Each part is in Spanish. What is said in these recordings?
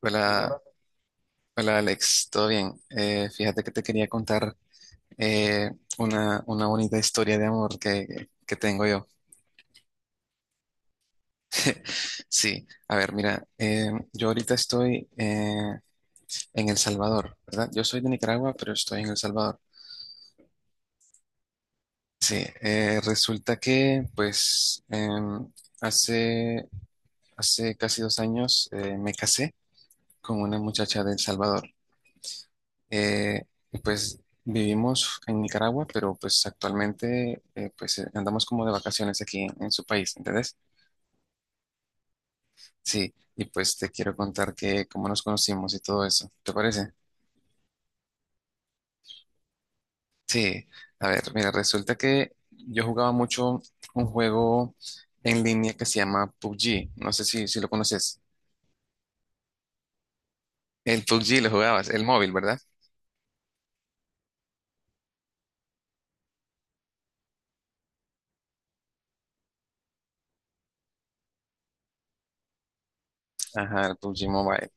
Hola, hola Alex, ¿todo bien? Fíjate que te quería contar eh, una bonita historia de amor que tengo yo. Sí, a ver, mira, yo ahorita estoy en El Salvador, ¿verdad? Yo soy de Nicaragua, pero estoy en El Salvador. Sí, resulta que pues hace, hace casi 2 años me casé con una muchacha de El Salvador. Eh, pues vivimos en Nicaragua, pero pues actualmente andamos como de vacaciones aquí en su país, ¿entendés? Sí, y pues te quiero contar que cómo nos conocimos y todo eso, ¿te parece? Sí, a ver, mira, resulta que yo jugaba mucho un juego en línea que se llama PUBG, no sé si lo conoces. El PUBG lo jugabas, el móvil, ¿verdad? Ajá, el PUBG Mobile.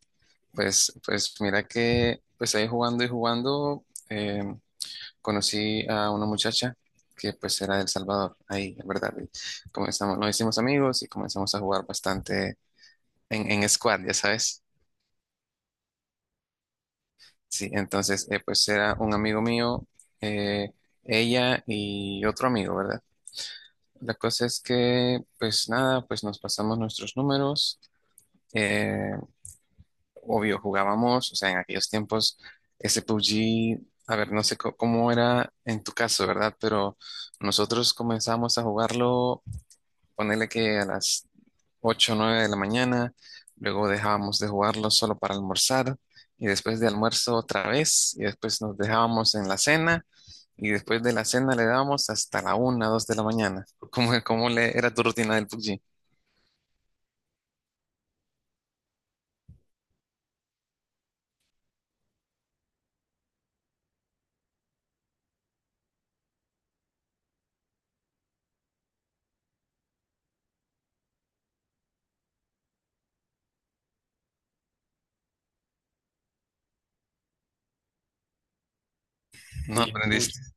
Pues mira que pues ahí jugando y jugando conocí a una muchacha que pues era de El Salvador, ahí, en verdad. Y comenzamos, nos hicimos amigos y comenzamos a jugar bastante en squad, ya sabes. Sí, entonces pues era un amigo mío, eh, ella y otro amigo, ¿verdad? La cosa es que pues nada, pues nos pasamos nuestros números. eh, obvio, jugábamos, o sea, en aquellos tiempos ese PUBG, a ver, no sé cómo era en tu caso, ¿verdad? Pero nosotros comenzamos a jugarlo ponerle que a las 8 o 9 de la mañana, luego dejábamos de jugarlo solo para almorzar y después de almuerzo otra vez y después nos dejábamos en la cena y después de la cena le dábamos hasta la una 2 de la mañana. ¿Cómo le era tu rutina del PUBG? No, uy, aprendiste mucho.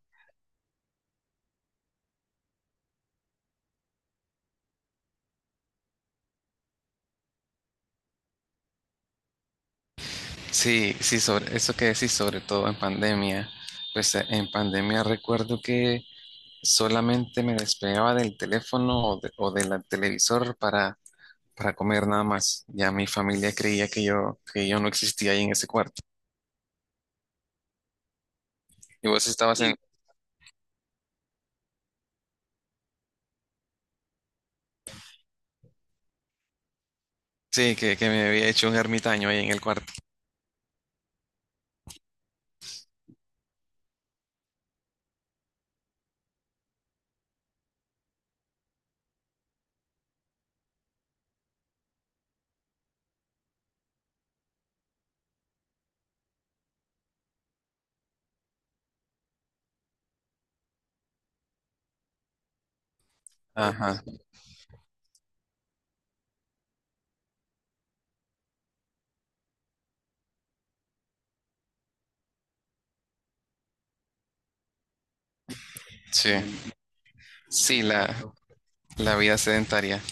Sí, sí, sobre eso que decís, sobre todo en pandemia. Pues en pandemia recuerdo que solamente me despegaba del teléfono o, o del televisor para comer nada más. Ya mi familia creía que yo no existía ahí en ese cuarto. Y vos estabas en... Sí, que me había hecho un ermitaño ahí en el cuarto. Ajá, sí. Sí, la vida sedentaria.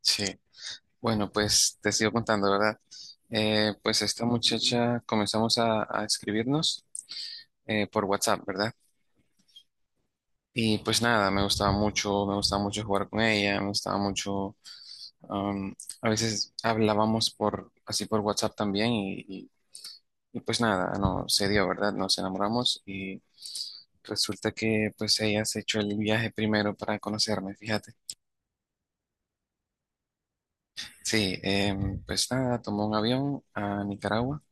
Sí. Bueno, pues te sigo contando, ¿verdad? Pues esta muchacha comenzamos a escribirnos por WhatsApp, ¿verdad? Y pues nada, me gustaba mucho jugar con ella, me gustaba mucho, um, a veces hablábamos por, así por WhatsApp también. Y pues nada, no se dio, ¿verdad? Nos enamoramos y resulta que pues ella se echó el viaje primero para conocerme, fíjate. Sí, pues nada, tomó un avión a Nicaragua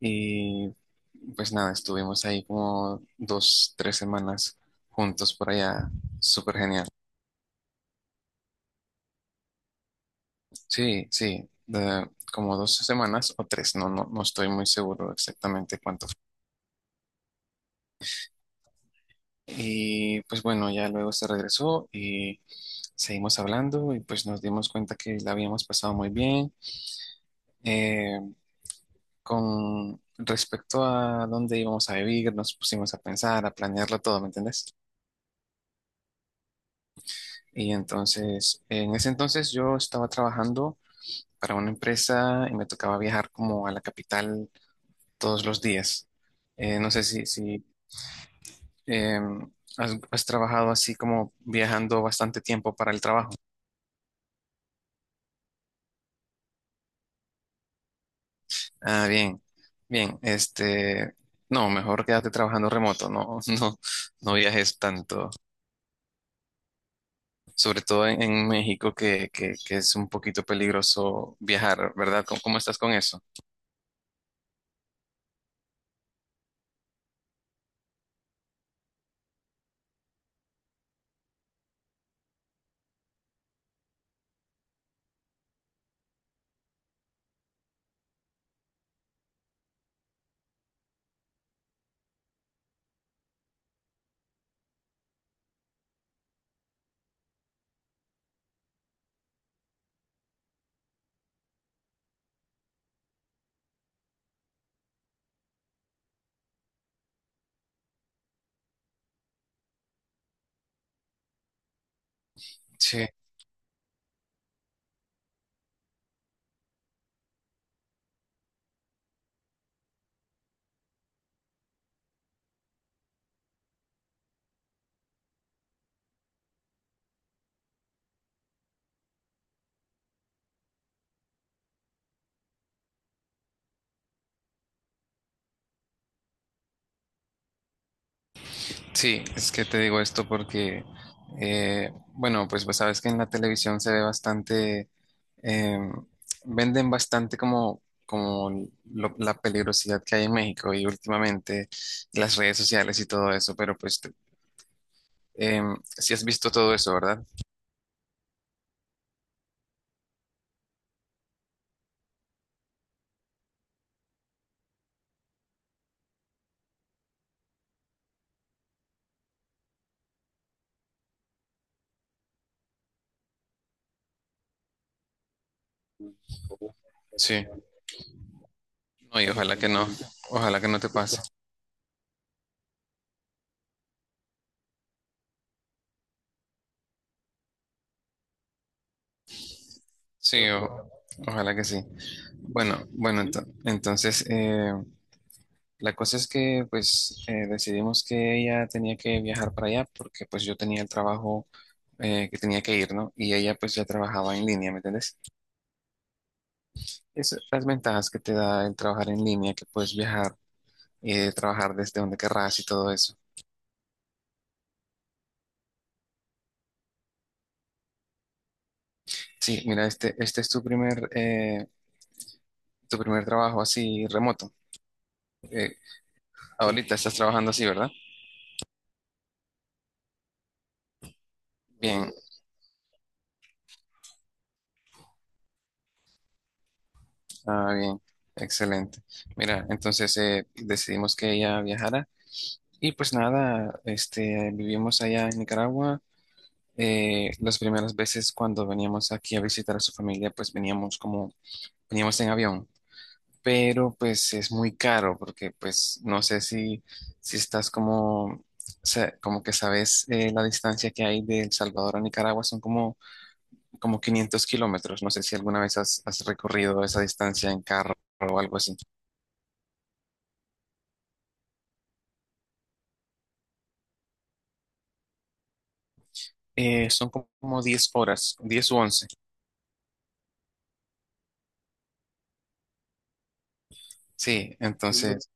y pues nada, estuvimos ahí como 2, 3 semanas juntos por allá, súper genial. Sí, sí, como dos semanas o tres, no, no, no estoy muy seguro exactamente cuánto. Y pues bueno, ya luego se regresó y seguimos hablando y pues nos dimos cuenta que la habíamos pasado muy bien. Eh, con respecto a dónde íbamos a vivir, nos pusimos a pensar, a planearlo todo, ¿me entendés? Y entonces, en ese entonces yo estaba trabajando para una empresa y me tocaba viajar como a la capital todos los días. No sé si em, has trabajado así como viajando bastante tiempo para el trabajo. Ah, bien, bien, este, no, mejor quédate trabajando remoto, no, no, no viajes tanto, sobre todo en México que es un poquito peligroso viajar, ¿verdad? ¿Cómo estás con eso? Sí, sí, es que te digo esto porque, bueno, pues sabes que en la televisión se ve bastante, eh, venden bastante como, como la peligrosidad que hay en México y últimamente las redes sociales y todo eso, pero pues te, si has visto todo eso, ¿verdad? Sí. No, y ojalá que no. Ojalá que no te pase. Sí, ojalá que sí. Bueno, bueno, entonces la cosa es que pues decidimos que ella tenía que viajar para allá porque pues yo tenía el trabajo que tenía que ir, ¿no? Y ella pues ya trabajaba en línea, ¿me entiendes? Esas las ventajas que te da el trabajar en línea, que puedes viajar y trabajar desde donde querrás y todo eso. Sí, mira, este es tu primer trabajo así remoto. Eh, Ahorita estás trabajando así, ¿verdad? Bien, ah, bien, excelente. Mira, entonces decidimos que ella viajara y pues nada, este, vivimos allá en Nicaragua. Las primeras veces cuando veníamos aquí a visitar a su familia, pues veníamos en avión, pero pues es muy caro porque pues no sé si estás como, o como que sabes la distancia que hay de El Salvador a Nicaragua, son como 500 kilómetros. No sé si alguna vez has recorrido esa distancia en carro o algo así. Son como 10 horas, 10 u 11. Sí, entonces,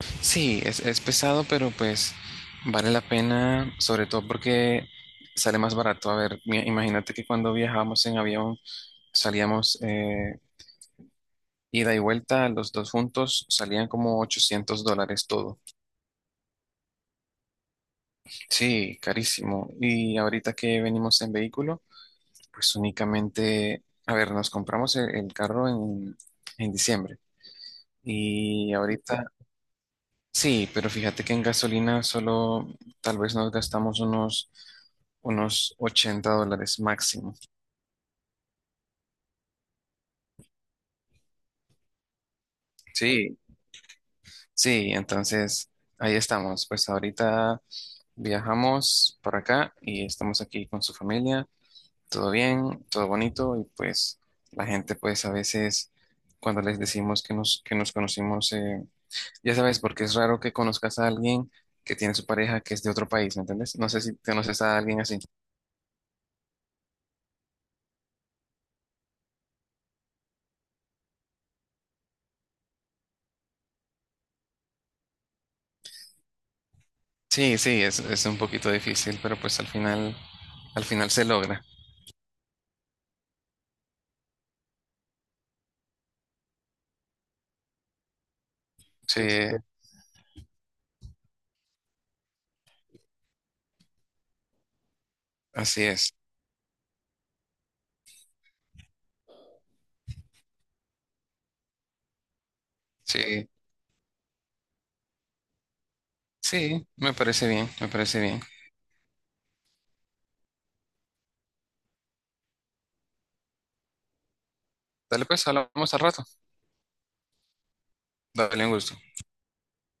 sí, es pesado, pero pues vale la pena, sobre todo porque sale más barato. A ver, imagínate que cuando viajábamos en avión, salíamos ida y vuelta, los dos juntos, salían como $800 todo. Sí, carísimo. Y ahorita que venimos en vehículo, pues únicamente, a ver, nos compramos el carro en diciembre y ahorita, sí, pero fíjate que en gasolina solo tal vez nos gastamos unos $80 máximo. Sí, sí, entonces ahí estamos. Pues ahorita viajamos por acá y estamos aquí con su familia, todo bien, todo bonito y pues la gente pues a veces cuando les decimos que nos conocimos, ya sabes, porque es raro que conozcas a alguien que tiene su pareja que es de otro país, ¿me entiendes? No sé si conoces a alguien así. Sí, sí, es un poquito difícil, pero pues al final se logra. Sí, así es. Sí, sí, me parece bien, me parece bien. Dale pues, hablamos al rato. Dale un gusto.